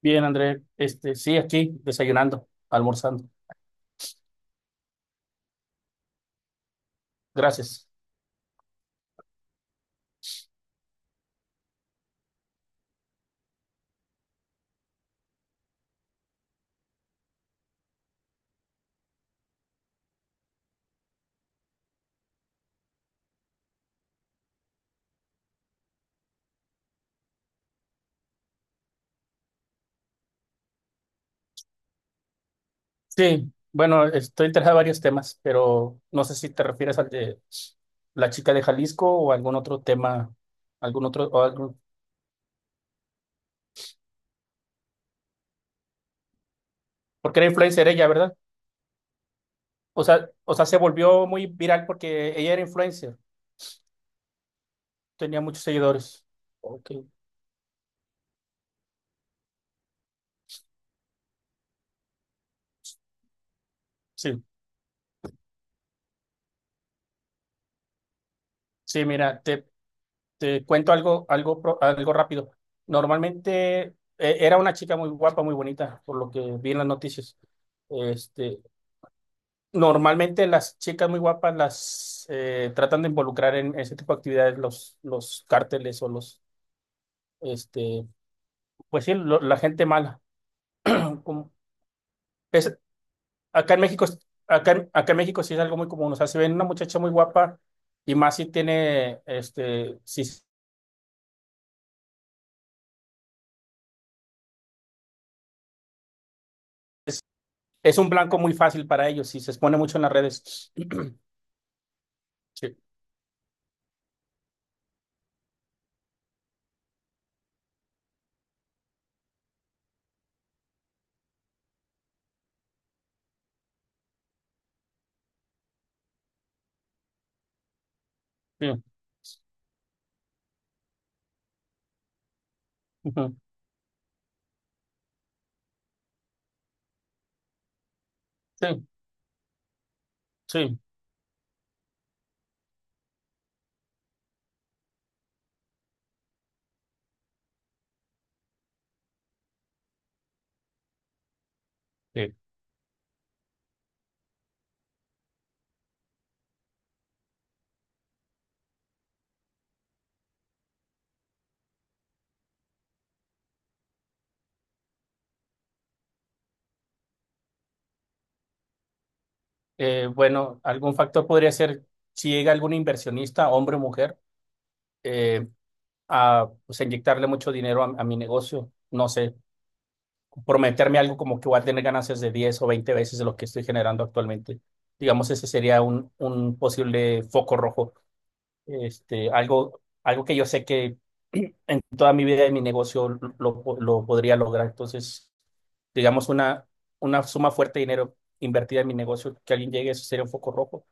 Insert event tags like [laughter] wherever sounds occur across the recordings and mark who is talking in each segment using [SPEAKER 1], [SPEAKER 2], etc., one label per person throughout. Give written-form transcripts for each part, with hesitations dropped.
[SPEAKER 1] Bien, André, sí, aquí desayunando, almorzando. Gracias. Sí, bueno, estoy interesado en varios temas, pero no sé si te refieres al de la chica de Jalisco o algún otro tema, algún otro, porque era influencer ella, ¿verdad? O sea, se volvió muy viral porque ella era influencer, tenía muchos seguidores. Ok. Sí, sí, te cuento algo, algo rápido. Normalmente era una chica muy guapa, muy bonita, por lo que vi en las noticias. Este, normalmente las chicas muy guapas las tratan de involucrar en ese tipo de actividades los cárteles o este, pues sí, la gente mala. [clears throat] Como- es- acá en México, acá, acá en México sí es algo muy común. O sea, si ven una muchacha muy guapa y más si tiene, si es, es un blanco muy fácil para ellos, si se expone mucho en las redes. Sí, sí, ujú, sí, sí, sí. Bueno, algún factor podría ser si llega algún inversionista, hombre o mujer, eh, a pues, inyectarle mucho dinero a mi negocio. No sé, prometerme algo como que voy a tener ganancias de 10 o 20 veces de lo que estoy generando actualmente. Digamos, ese sería un posible foco rojo. Algo que yo sé que [clears throat] en toda mi vida de mi negocio lo podría lograr. Entonces, digamos, una suma fuerte de dinero invertida en mi negocio, que alguien llegue, eso sería un foco rojo.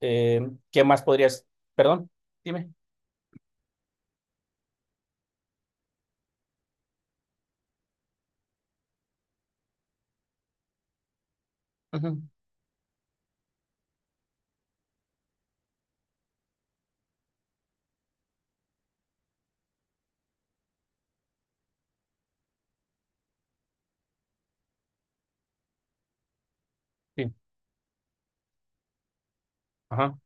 [SPEAKER 1] Eh, ¿Qué más podrías? Perdón, dime. Ujú. Sí, ajá,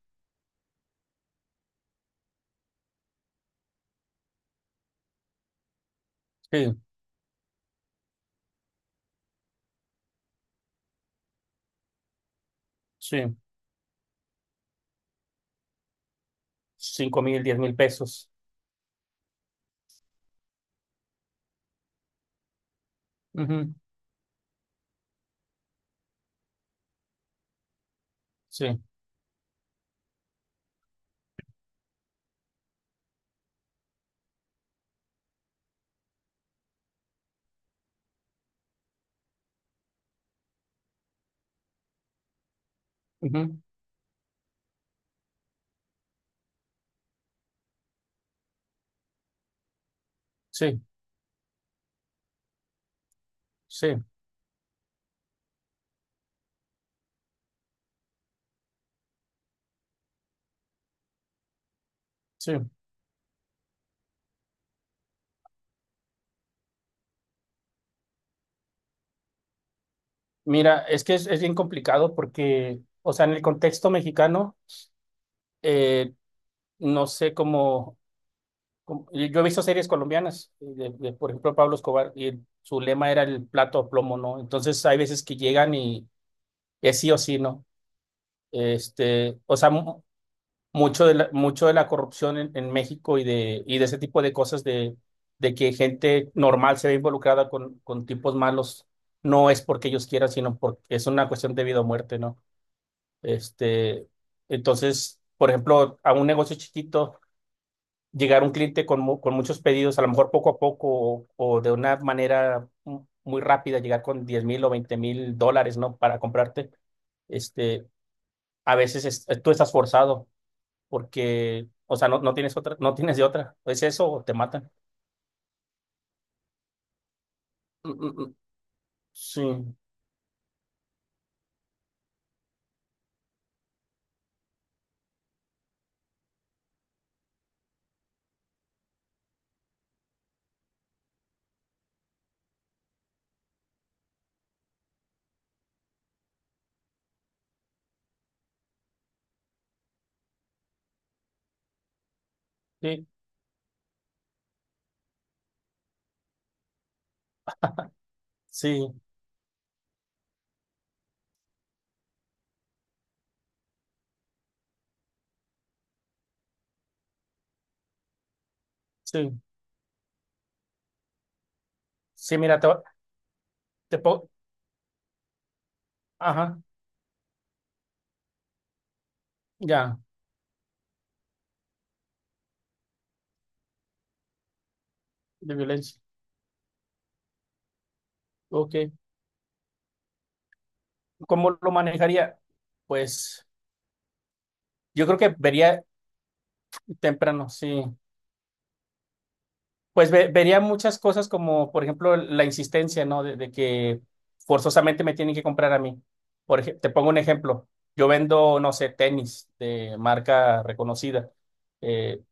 [SPEAKER 1] sí, sí, cinco mil, diez mil pesos. Ujú, sí, ujú, sí, sí, sí. Mira, es que es bien complicado porque, o sea, en el contexto mexicano, eh, no sé cómo. Y yo he visto series colombianas, por ejemplo, Pablo Escobar, y su lema era el plato a plomo, ¿no? Entonces hay veces que llegan y es sí o sí, ¿no? O sea, mucho de la corrupción en México y de ese tipo de cosas de que gente normal se ve involucrada con tipos malos, no es porque ellos quieran, sino porque es una cuestión de vida o muerte, ¿no? Este, entonces, por ejemplo, a un negocio chiquito llegar un cliente con, con muchos pedidos, a lo mejor poco a poco o de una manera muy rápida, llegar con 10 mil o 20 mil dólares, ¿no? Para comprarte, este, a veces tú estás forzado porque, o sea, no, no tienes otra, no tienes de otra. Es eso o te matan. Mm, mm, mm. Sí, sí, sí, sí. Sí, te puedo, ajá, ya, de violencia. Ok. ¿Cómo lo manejaría? Pues yo creo que vería temprano, sí. Pues vería muchas cosas como, por ejemplo, la insistencia, ¿no? De que forzosamente me tienen que comprar a mí. Te pongo un ejemplo. Yo vendo, no sé, tenis de marca reconocida eh,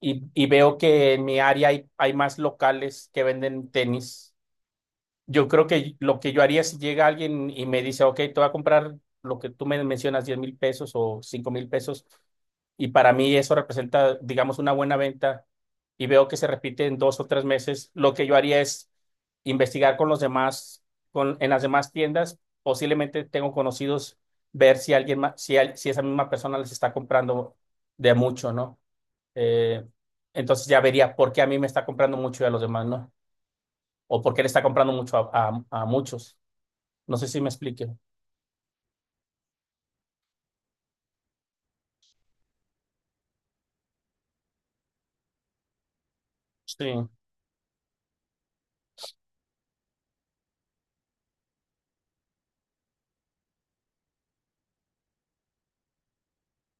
[SPEAKER 1] y veo que en mi área hay, hay más locales que venden tenis. Yo creo que lo que yo haría si llega alguien y me dice, ok, te voy a comprar lo que tú me mencionas, 10 mil pesos o 5 mil pesos, y para mí eso representa, digamos, una buena venta, y veo que se repite en dos o tres meses, lo que yo haría es investigar con los demás, en las demás tiendas, posiblemente tengo conocidos, ver si alguien más, si, si esa misma persona les está comprando de mucho, ¿no? Eh, entonces ya vería por qué a mí me está comprando mucho y a los demás, ¿no? O porque le está comprando mucho a, a muchos. No sé si me explique. Sí,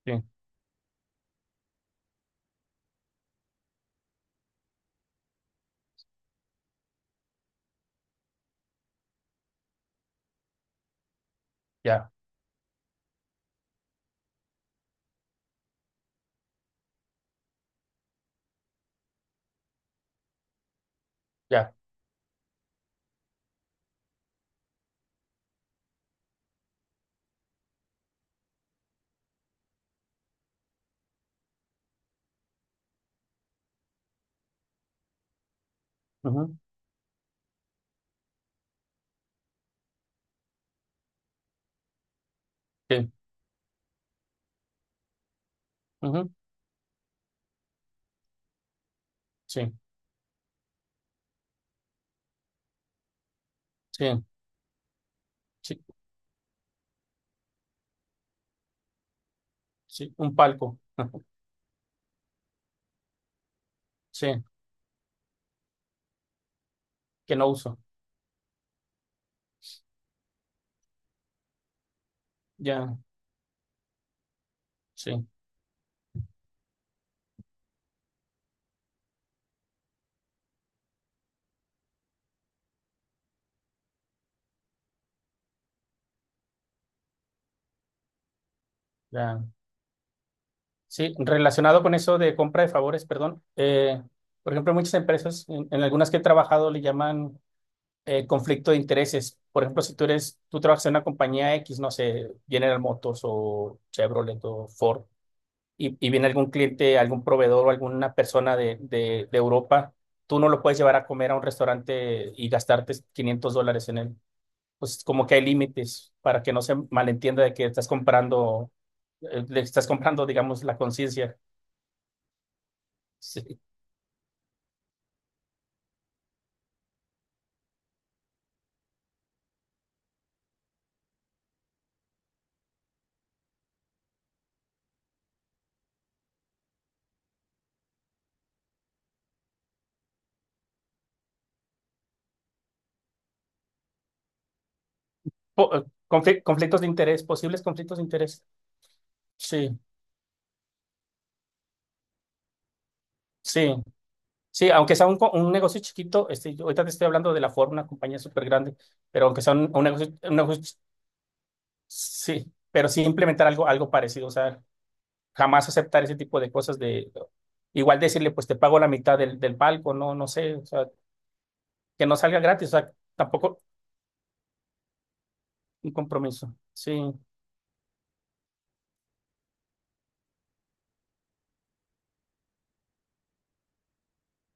[SPEAKER 1] sí, ya, ya. Ujú, sí, ujú, sí, sí, sí, sí, un palco. [laughs] Sí, que no uso. Ya, sí, ya. Sí, relacionado con eso de compra de favores, perdón. Eh, por ejemplo, muchas empresas, en algunas que he trabajado, le llaman conflicto de intereses. Por ejemplo, si tú eres, tú trabajas en una compañía X, no sé, General Motors o Chevrolet o Ford, y viene algún cliente, algún proveedor o alguna persona de Europa, tú no lo puedes llevar a comer a un restaurante y gastarte $500 en él. Pues como que hay límites para que no se malentienda de que estás comprando, le estás comprando, digamos, la conciencia. Sí. Conflictos de interés, posibles conflictos de interés. Sí, sí. Sí, aunque sea un negocio chiquito, yo ahorita te estoy hablando de la forma, una compañía súper grande, pero aunque sea un negocio, sí, pero sí implementar algo, algo parecido, o sea, jamás aceptar ese tipo de cosas de igual decirle, pues te pago la mitad del, del palco, no, no sé, o sea, que no salga gratis, o sea, tampoco un compromiso. Sí,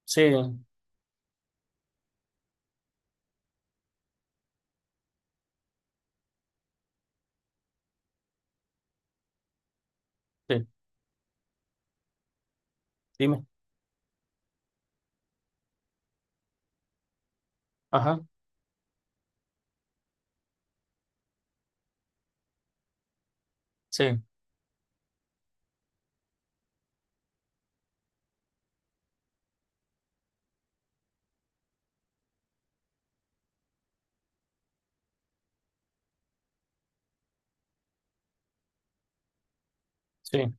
[SPEAKER 1] sí, sí, dime. Ajá, sí, sí.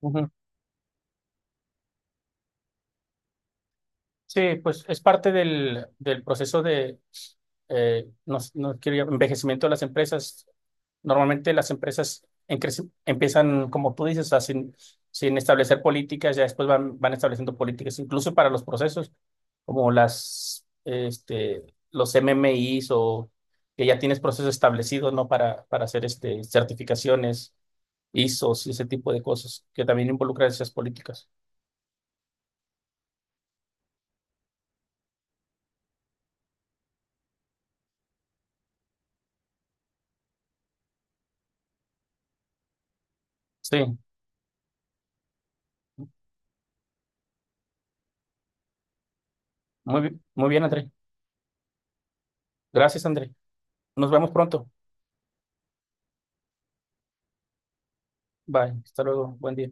[SPEAKER 1] Ujú. Sí, pues es parte del, del proceso de no, no quiero envejecimiento de las empresas. Normalmente las empresas en empiezan, como tú dices, o sea, sin, sin establecer políticas, ya después van, van estableciendo políticas, incluso para los procesos. Como las, los MMIs o que ya tienes procesos establecidos, ¿no? Para hacer este, certificaciones, ISOs y ese tipo de cosas que también involucran esas políticas. Sí, muy bien, André. Gracias, André. Nos vemos pronto. Bye. Hasta luego. Buen día.